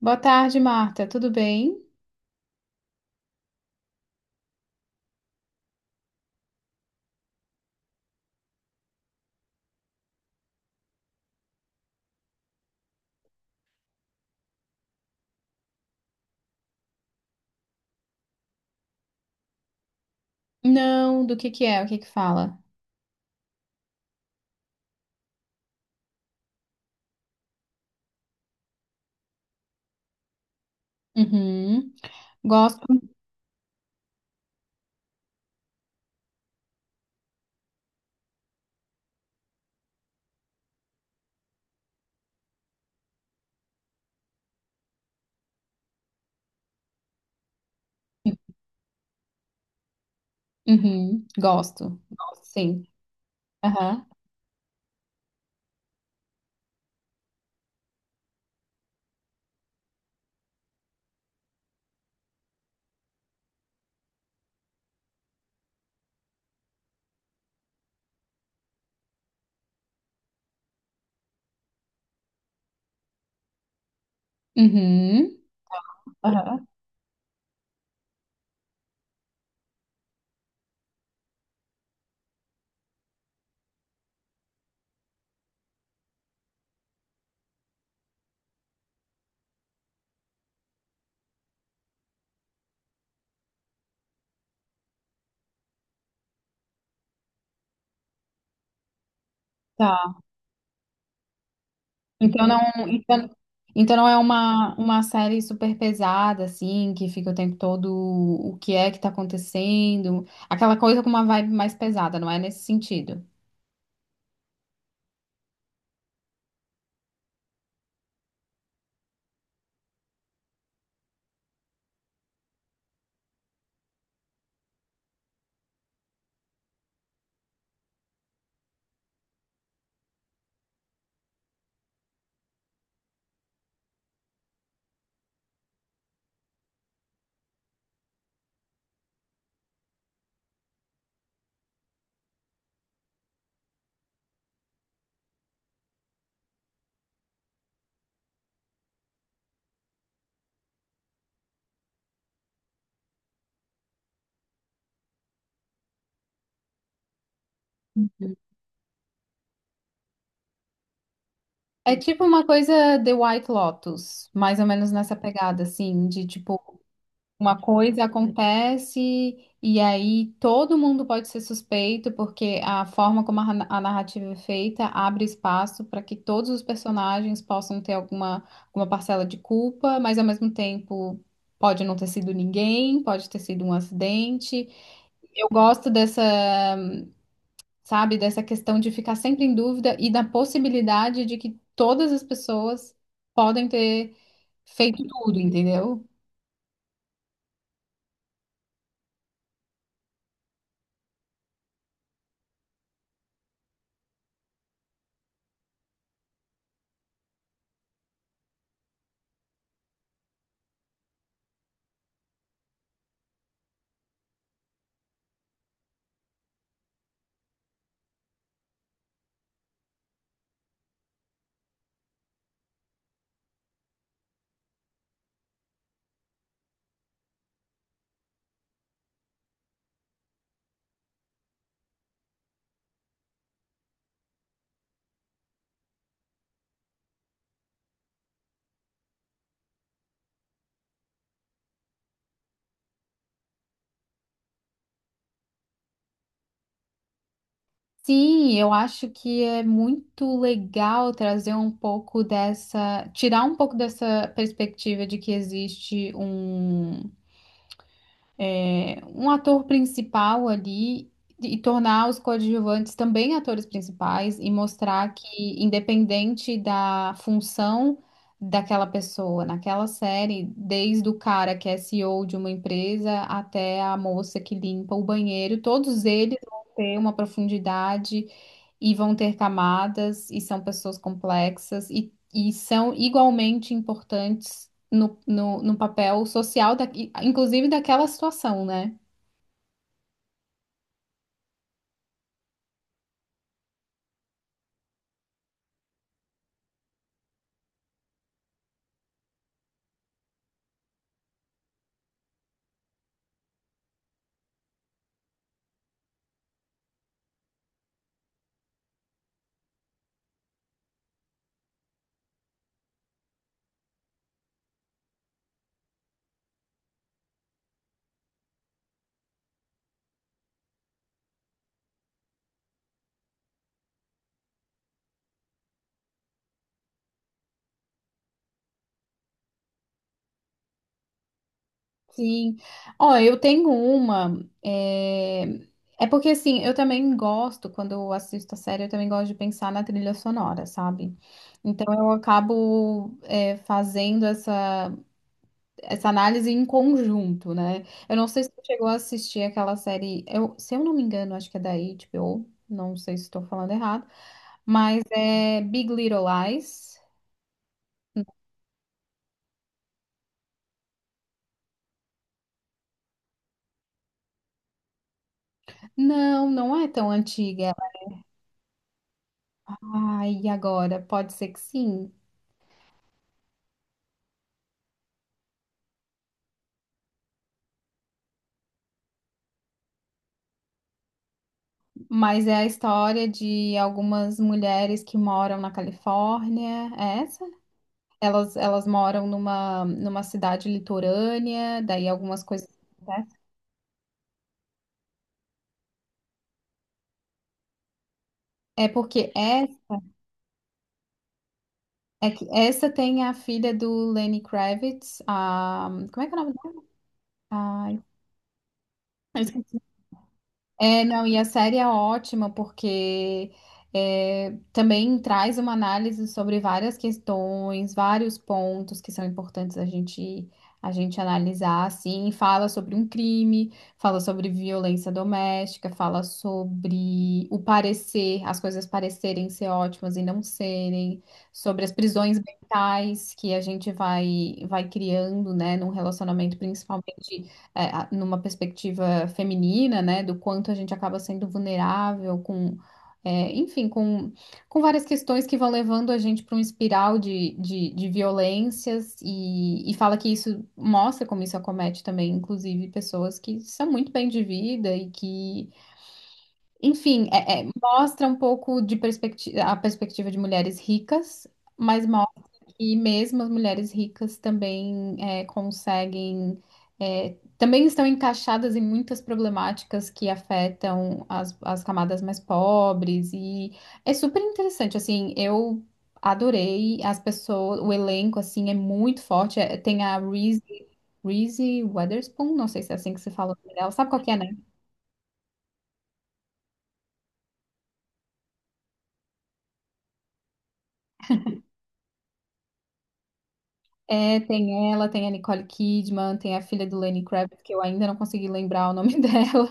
Boa tarde, Marta. Tudo bem? Não, do que é? O que que fala? Uhum. Gosto. Uhum. Gosto. Gosto, sim. Aham. Uhum. Aham. Tá. Então não, então, então não é uma série super pesada, assim, que fica o tempo todo o que é que tá acontecendo. Aquela coisa com uma vibe mais pesada, não é nesse sentido. Uhum. É tipo uma coisa The White Lotus, mais ou menos nessa pegada, assim, de tipo, uma coisa acontece e aí todo mundo pode ser suspeito, porque a forma como a narrativa é feita abre espaço para que todos os personagens possam ter alguma, alguma parcela de culpa, mas ao mesmo tempo pode não ter sido ninguém, pode ter sido um acidente. Eu gosto dessa, sabe, dessa questão de ficar sempre em dúvida e da possibilidade de que todas as pessoas podem ter feito tudo, entendeu? Sim, eu acho que é muito legal trazer um pouco dessa, tirar um pouco dessa perspectiva de que existe um um ator principal ali e tornar os coadjuvantes também atores principais e mostrar que, independente da função daquela pessoa naquela série, desde o cara que é CEO de uma empresa até a moça que limpa o banheiro, todos eles vão ter uma profundidade e vão ter camadas e são pessoas complexas e são igualmente importantes no papel social, da, inclusive daquela situação, né? Sim. Ó, eu tenho uma. É... é porque, assim, eu também gosto, quando eu assisto a série, eu também gosto de pensar na trilha sonora, sabe? Então, eu acabo fazendo essa, essa análise em conjunto, né? Eu não sei se você chegou a assistir aquela série, eu, se eu não me engano, acho que é da HBO, não sei se estou falando errado, mas é Big Little Lies. Não, não é tão antiga. Ai, e agora? Pode ser que sim, mas é a história de algumas mulheres que moram na Califórnia, é essa? Elas moram numa cidade litorânea, daí algumas coisas acontecem. É porque é, é que essa tem a filha do Lenny Kravitz, a, como é que é o nome dela? Ai, eu esqueci. É, não, e a série é ótima porque também traz uma análise sobre várias questões, vários pontos que são importantes a gente analisar, assim, fala sobre um crime, fala sobre violência doméstica, fala sobre o parecer, as coisas parecerem ser ótimas e não serem, sobre as prisões mentais que a gente vai criando, né, num relacionamento principalmente numa perspectiva feminina, né, do quanto a gente acaba sendo vulnerável com, enfim, com várias questões que vão levando a gente para um espiral de violências e fala que isso mostra como isso acomete também, inclusive, pessoas que são muito bem de vida e que enfim, mostra um pouco de perspectiva, a perspectiva de mulheres ricas, mas mostra que mesmo as mulheres ricas também conseguem, também estão encaixadas em muitas problemáticas que afetam as, as camadas mais pobres, e é super interessante, assim, eu adorei as pessoas, o elenco, assim, é muito forte, tem a Reese, Reese Witherspoon, não sei se é assim que se fala o nome dela, sabe qual que é, né? É, tem ela, tem a Nicole Kidman, tem a filha do Lenny Kravitz, que eu ainda não consegui lembrar o nome dela,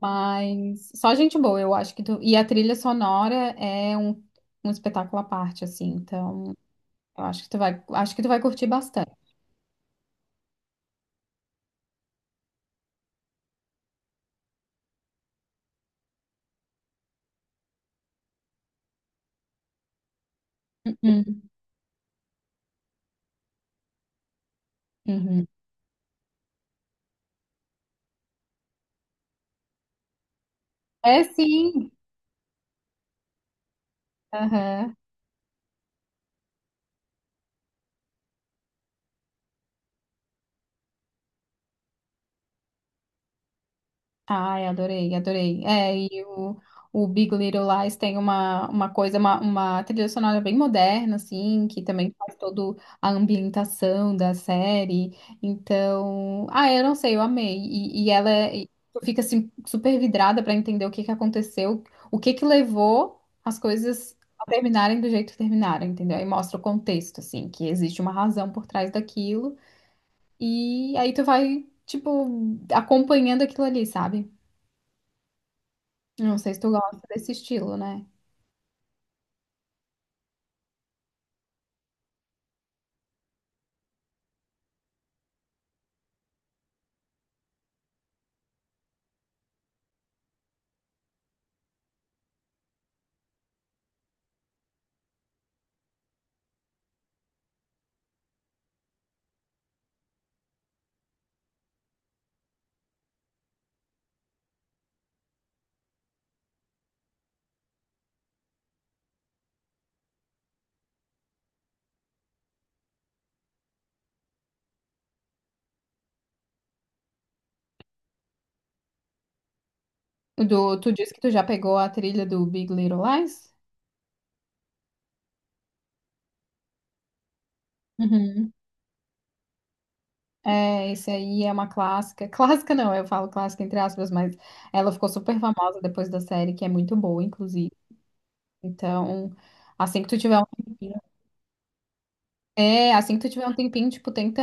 mas só gente boa, eu acho que tu... E a trilha sonora é um, um espetáculo à parte, assim, então eu acho que tu vai, acho que tu vai curtir bastante. Uhum, uhum. É sim. Aham. Ai, adorei, adorei. É, o Big Little Lies tem uma coisa, uma trilha sonora bem moderna, assim, que também faz toda a ambientação da série. Então, ah, eu não sei, eu amei. E e tu fica assim, super vidrada pra entender o que que aconteceu, o que que levou as coisas a terminarem do jeito que terminaram, entendeu? Aí mostra o contexto, assim, que existe uma razão por trás daquilo. E aí tu vai, tipo, acompanhando aquilo ali, sabe? Não sei se tu gosta desse estilo, né? O Do, tu disse que tu já pegou a trilha do Big Little Lies? Uhum. É, esse aí é uma clássica. Clássica não, eu falo clássica entre aspas, mas ela ficou super famosa depois da série, que é muito boa, inclusive. Então, assim que tu tiver um tempinho, assim que tu tiver um tempinho, tipo, tenta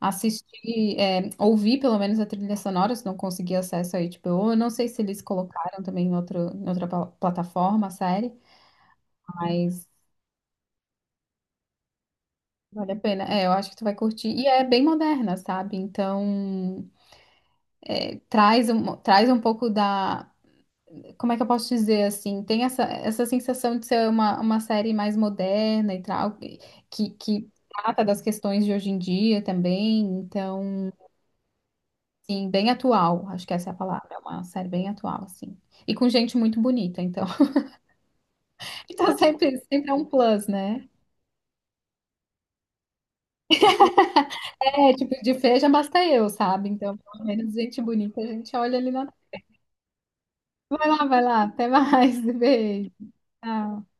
assistir, ouvir pelo menos a trilha sonora, se não conseguir acesso aí, tipo, eu não sei se eles colocaram também em outro, em outra plataforma a série, mas vale a pena. É, eu acho que tu vai curtir. E é bem moderna, sabe? Então, é, traz um pouco da. Como é que eu posso dizer assim? Tem essa, essa sensação de ser uma série mais moderna e tal, que trata das questões de hoje em dia também. Então, sim, bem atual. Acho que essa é a palavra. É uma série bem atual, assim. E com gente muito bonita, então. Então, sempre, sempre é um plus, né? É, tipo, de feia já basta eu, sabe? Então, pelo menos gente bonita a gente olha ali na Vai lá, vai lá. Até mais. Beijo. Tchau.